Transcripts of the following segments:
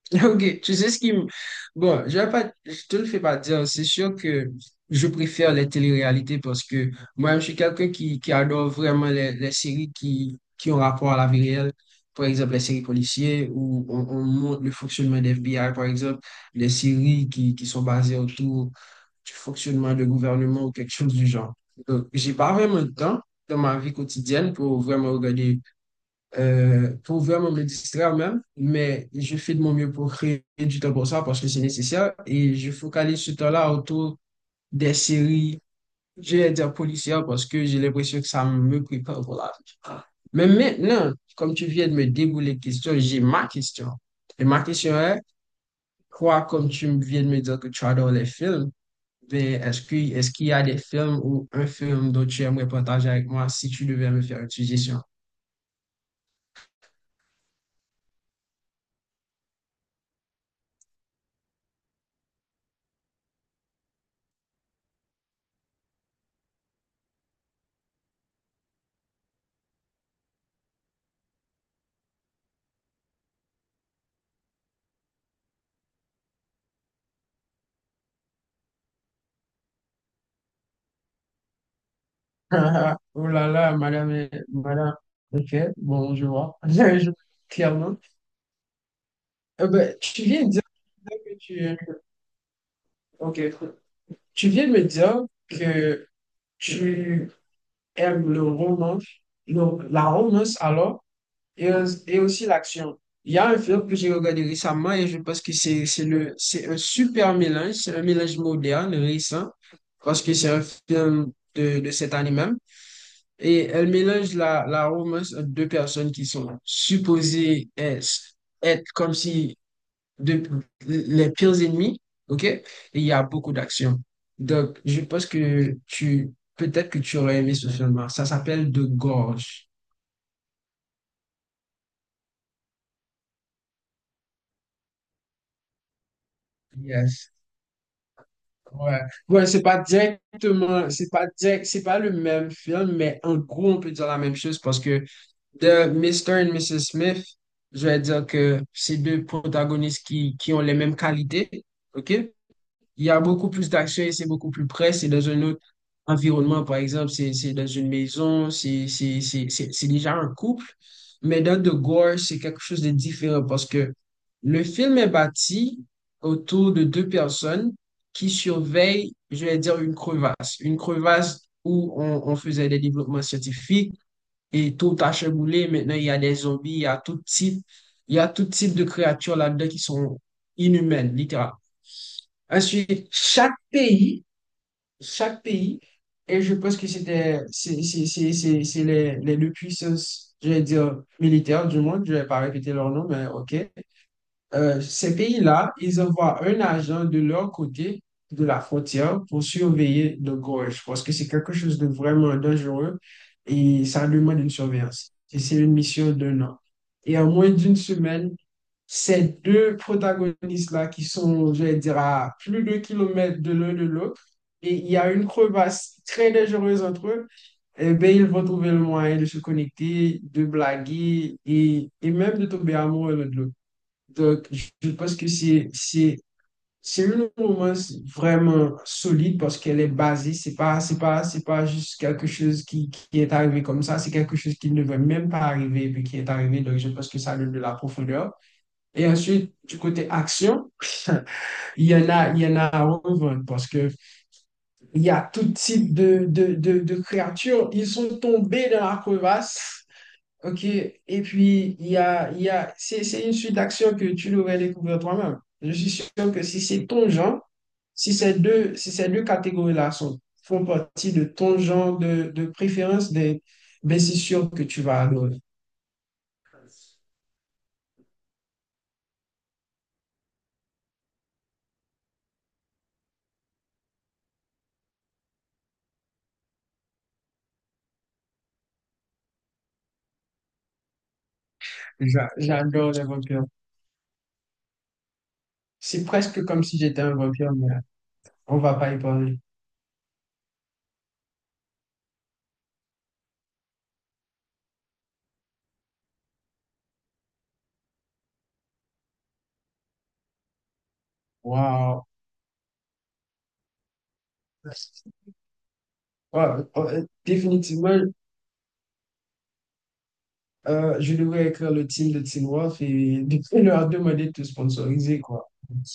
Ok, tu sais ce qui... me- Bon, je vais pas... je te le fais pas dire, c'est sûr que je préfère les téléréalités parce que moi, je suis quelqu'un qui adore vraiment les séries qui ont rapport à la vie réelle. Par exemple, les séries policières où on montre le fonctionnement des FBI, par exemple, les séries qui sont basées autour du fonctionnement de gouvernement ou quelque chose du genre. Donc, j'ai pas vraiment de temps dans ma vie quotidienne pour vraiment regarder pour vraiment me distraire même, mais je fais de mon mieux pour créer du temps pour ça parce que c'est nécessaire et je focalise ce temps-là autour des séries, je vais dire policières parce que j'ai l'impression que ça me prépare pour la vie. Mais maintenant, comme tu viens de me débouler les questions, j'ai ma question. Et ma question est, quoi, comme tu viens de me dire que tu adores les films, ben, est-ce qu'il y a des films ou un film dont tu aimerais partager avec moi si tu devais me faire une suggestion? Ah, ah, Oh là là, madame, est- madame. Ok, bon, je vois. Je- Clairement. Ben, tu viens de dire que tu... Ok. Tu viens de me dire que tu aimes le romance, le- la romance alors, et, aus- et aussi l'action. Il y a un film que j'ai regardé récemment et je pense que c'est le, c'est un super mélange, c'est un mélange moderne, récent, parce que c'est un film de cette année même. Et elle mélange la, la romance entre deux personnes qui sont supposées être, être comme si de- les pires ennemis, ok? Et il y a beaucoup d'action. Donc, je pense que tu, peut-être que tu aurais aimé ce film-là. Ça s'appelle De Gorge. Yes. Ouais. Ouais, c'est pas directement, c'est pas direct, c'est pas le même film, mais en gros, on peut dire la même chose parce que de Mister et Mrs. Smith, je vais dire que c'est deux protagonistes qui ont les mêmes qualités. OK? Il y a beaucoup plus d'action et c'est beaucoup plus près. C'est dans un autre environnement, par exemple, c'est dans une maison, c'est déjà un couple. Mais dans The Gore, c'est quelque chose de différent parce que le film est bâti autour de deux personnes qui surveillent, je vais dire, une crevasse. Une crevasse où on faisait des développements scientifiques et tout a chamboulé. Maintenant, il y a des zombies, il y a tout type de créatures là-dedans qui sont inhumaines, littéralement. Ensuite, chaque pays, et je pense que c'était, c'est les deux puissances, je vais dire militaires du monde, je vais pas répéter leur nom, mais ok ces pays-là, ils envoient un agent de leur côté de la frontière pour surveiller de gorge, parce que c'est quelque chose de vraiment dangereux et ça demande une surveillance. Et c'est une mission d'un an. Et en moins d'une semaine, ces deux protagonistes-là qui sont, je vais dire, à plus de kilomètres de l'un de l'autre, et il y a une crevasse très dangereuse entre eux, eh bien, ils vont trouver le moyen de se connecter, de blaguer et même de tomber amoureux l'un de l'autre. Donc, je pense que c'est une romance vraiment solide parce qu'elle est basée. C'est pas juste quelque chose qui est arrivé comme ça. C'est quelque chose qui ne devait même pas arriver et puis qui est arrivé. Donc, je pense que ça donne de la profondeur. Et ensuite, du côté action, il y en a à revendre parce que il y a tout type de créatures. Ils sont tombés dans la crevasse. Ok, et puis il y a, c'est une suite d'actions que tu devrais découvrir toi-même. Je suis sûr que si c'est ton genre, si ces deux catégories-là sont, font partie de ton genre de préférence, des, ben c'est sûr que tu vas adorer. J'a- J'adore les vampires. C'est presque comme si j'étais un vampire, mais on va pas y parler. Waouh! Ouais, ouais, définitivement, je devrais écrire le team de Teen Wolf et leur demander de te sponsoriser, quoi.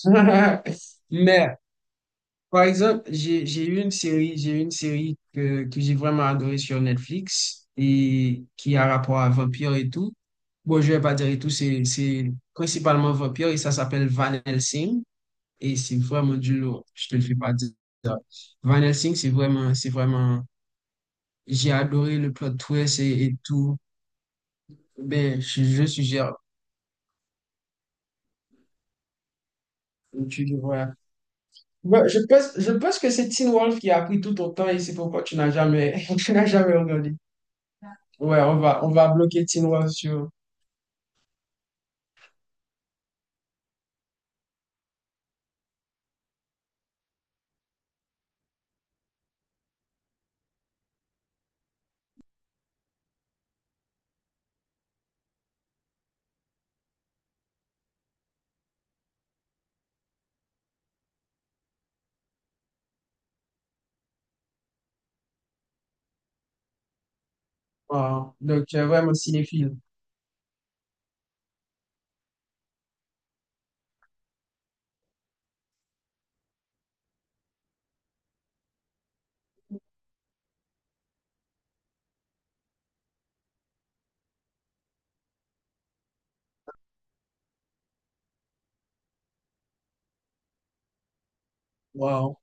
Mais, par exemple, j'ai eu une série, j'ai eu une série que j'ai vraiment adorée sur Netflix et qui a rapport à vampire et tout. Bon, je vais pas dire et tout, c'est principalement vampire et ça s'appelle Van Helsing et c'est vraiment du lourd. Je te le fais pas dire. Van Helsing, c'est vraiment, j'ai adoré le plot twist et tout. Ben, je suggère, tu devrais Ouais, je pense que c'est Teen Wolf qui a pris tout ton temps et c'est pourquoi tu n'as jamais, tu n'as jamais regardé. Ouais, on va bloquer Teen Wolf sur. Wow. Donc, tu es vraiment cinéphile. Wow.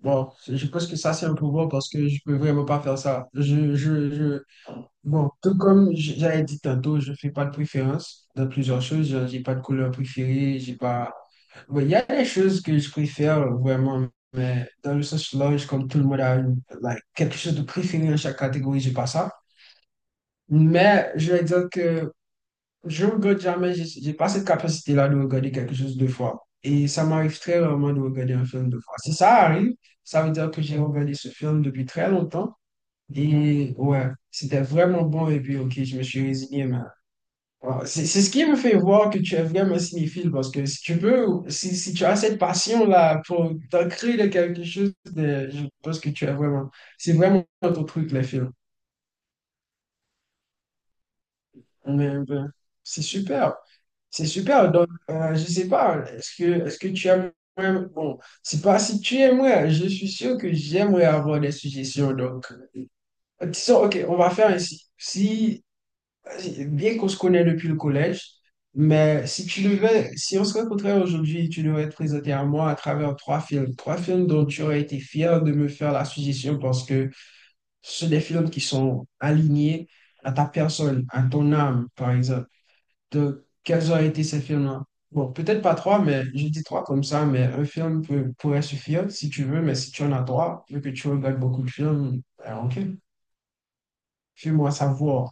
Bon, je pense que ça, c'est un pouvoir parce que je peux vraiment pas faire ça. Je... Bon, tout comme j- j'avais dit tantôt, je fais pas de préférence dans plusieurs choses. Genre, j'ai pas de couleur préférée, j'ai pas... Ouais, il y a des choses que je préfère vraiment, mais dans le sens large, comme tout le monde a une- like, quelque chose de préféré dans chaque catégorie, j'ai pas ça. Mais je vais dire que je regrette jamais, j'ai pas cette capacité-là de regarder quelque chose deux fois. Et ça m'arrive très rarement de regarder un film deux fois. Si ça arrive, ça veut dire que j'ai regardé ce film depuis très longtemps. Et ouais, c'était vraiment bon. Et puis, ok, je me suis résigné. Mais... voilà. C'est ce qui me fait voir que tu es vraiment cinéphile. Parce que si tu veux, si tu as cette passion-là pour t'ancrer de quelque chose, de- je pense que tu es vraiment. C'est vraiment ton truc, les films. Mais, ben, c'est super. C'est super. Donc, je sais pas, est-ce que tu aimes. Bon, c'est pas si tu aimerais. Je suis sûr que j'aimerais avoir des suggestions. Donc, disons, OK, on va faire ainsi. Si, bien qu'on se connaît depuis le collège, mais si tu devais, si on se rencontrait aujourd'hui, tu devrais te présenter à moi à travers trois films. Trois films dont tu aurais été fier de me faire la suggestion parce que ce sont des films qui sont alignés à ta personne, à ton âme, par exemple de quels ont été ces films-là. Bon, peut-être pas trois, mais j'ai dit trois comme ça, mais un film peut- pourrait suffire si tu veux, mais si tu en as trois, vu que tu regardes beaucoup de films, ben, ok, fais-moi savoir.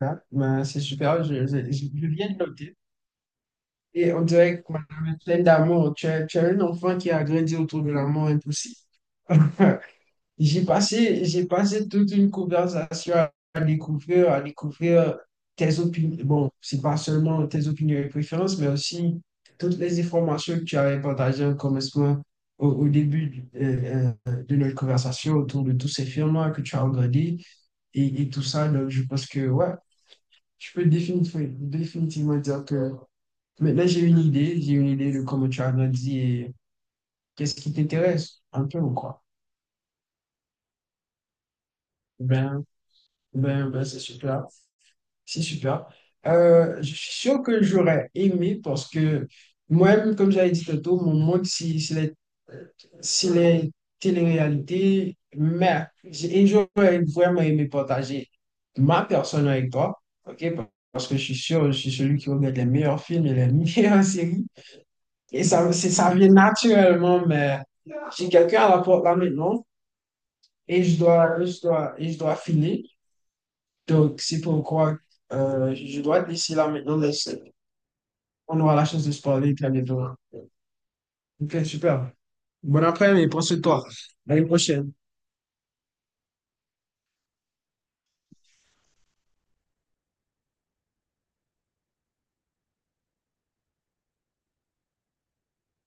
Hein? Ben, c'est super, je viens de noter. Et on dirait que madame est pleine d'amour. Tu es un enfant qui a grandi autour de l'amour impossible. J'ai passé toute une conversation à à découvrir tes opinions. Bon, c'est pas seulement tes opinions et préférences, mais aussi toutes les informations que tu avais partagées en commencement au début du- de notre conversation autour de tous ces films-là que tu as regardés et tout ça. Donc, je pense que, ouais, je peux définitivement dire que maintenant j'ai une idée de comment tu as grandi et qu'est-ce qui t'intéresse un peu ou quoi. Ben, ben, c'est super. C'est super. Je suis sûr que j'aurais aimé parce que moi-même, comme j'avais dit tantôt, mon monde, c'est les, euh, c'est les téléréalités. Mais j'ai- et j'aurais vraiment aimé partager ma personne avec toi, ok? Parce que je suis sûr, je suis celui qui regarde les meilleurs films et les meilleures séries. Et ça, c'est- ça vient naturellement, mais j'ai quelqu'un à la porte là maintenant et et je dois filer. Donc, c'est pourquoi je dois te laisser là maintenant, mais c'est- on aura la chance de se parler très bientôt. Ok, super. Bon après-midi, prends soin de toi. À une prochaine.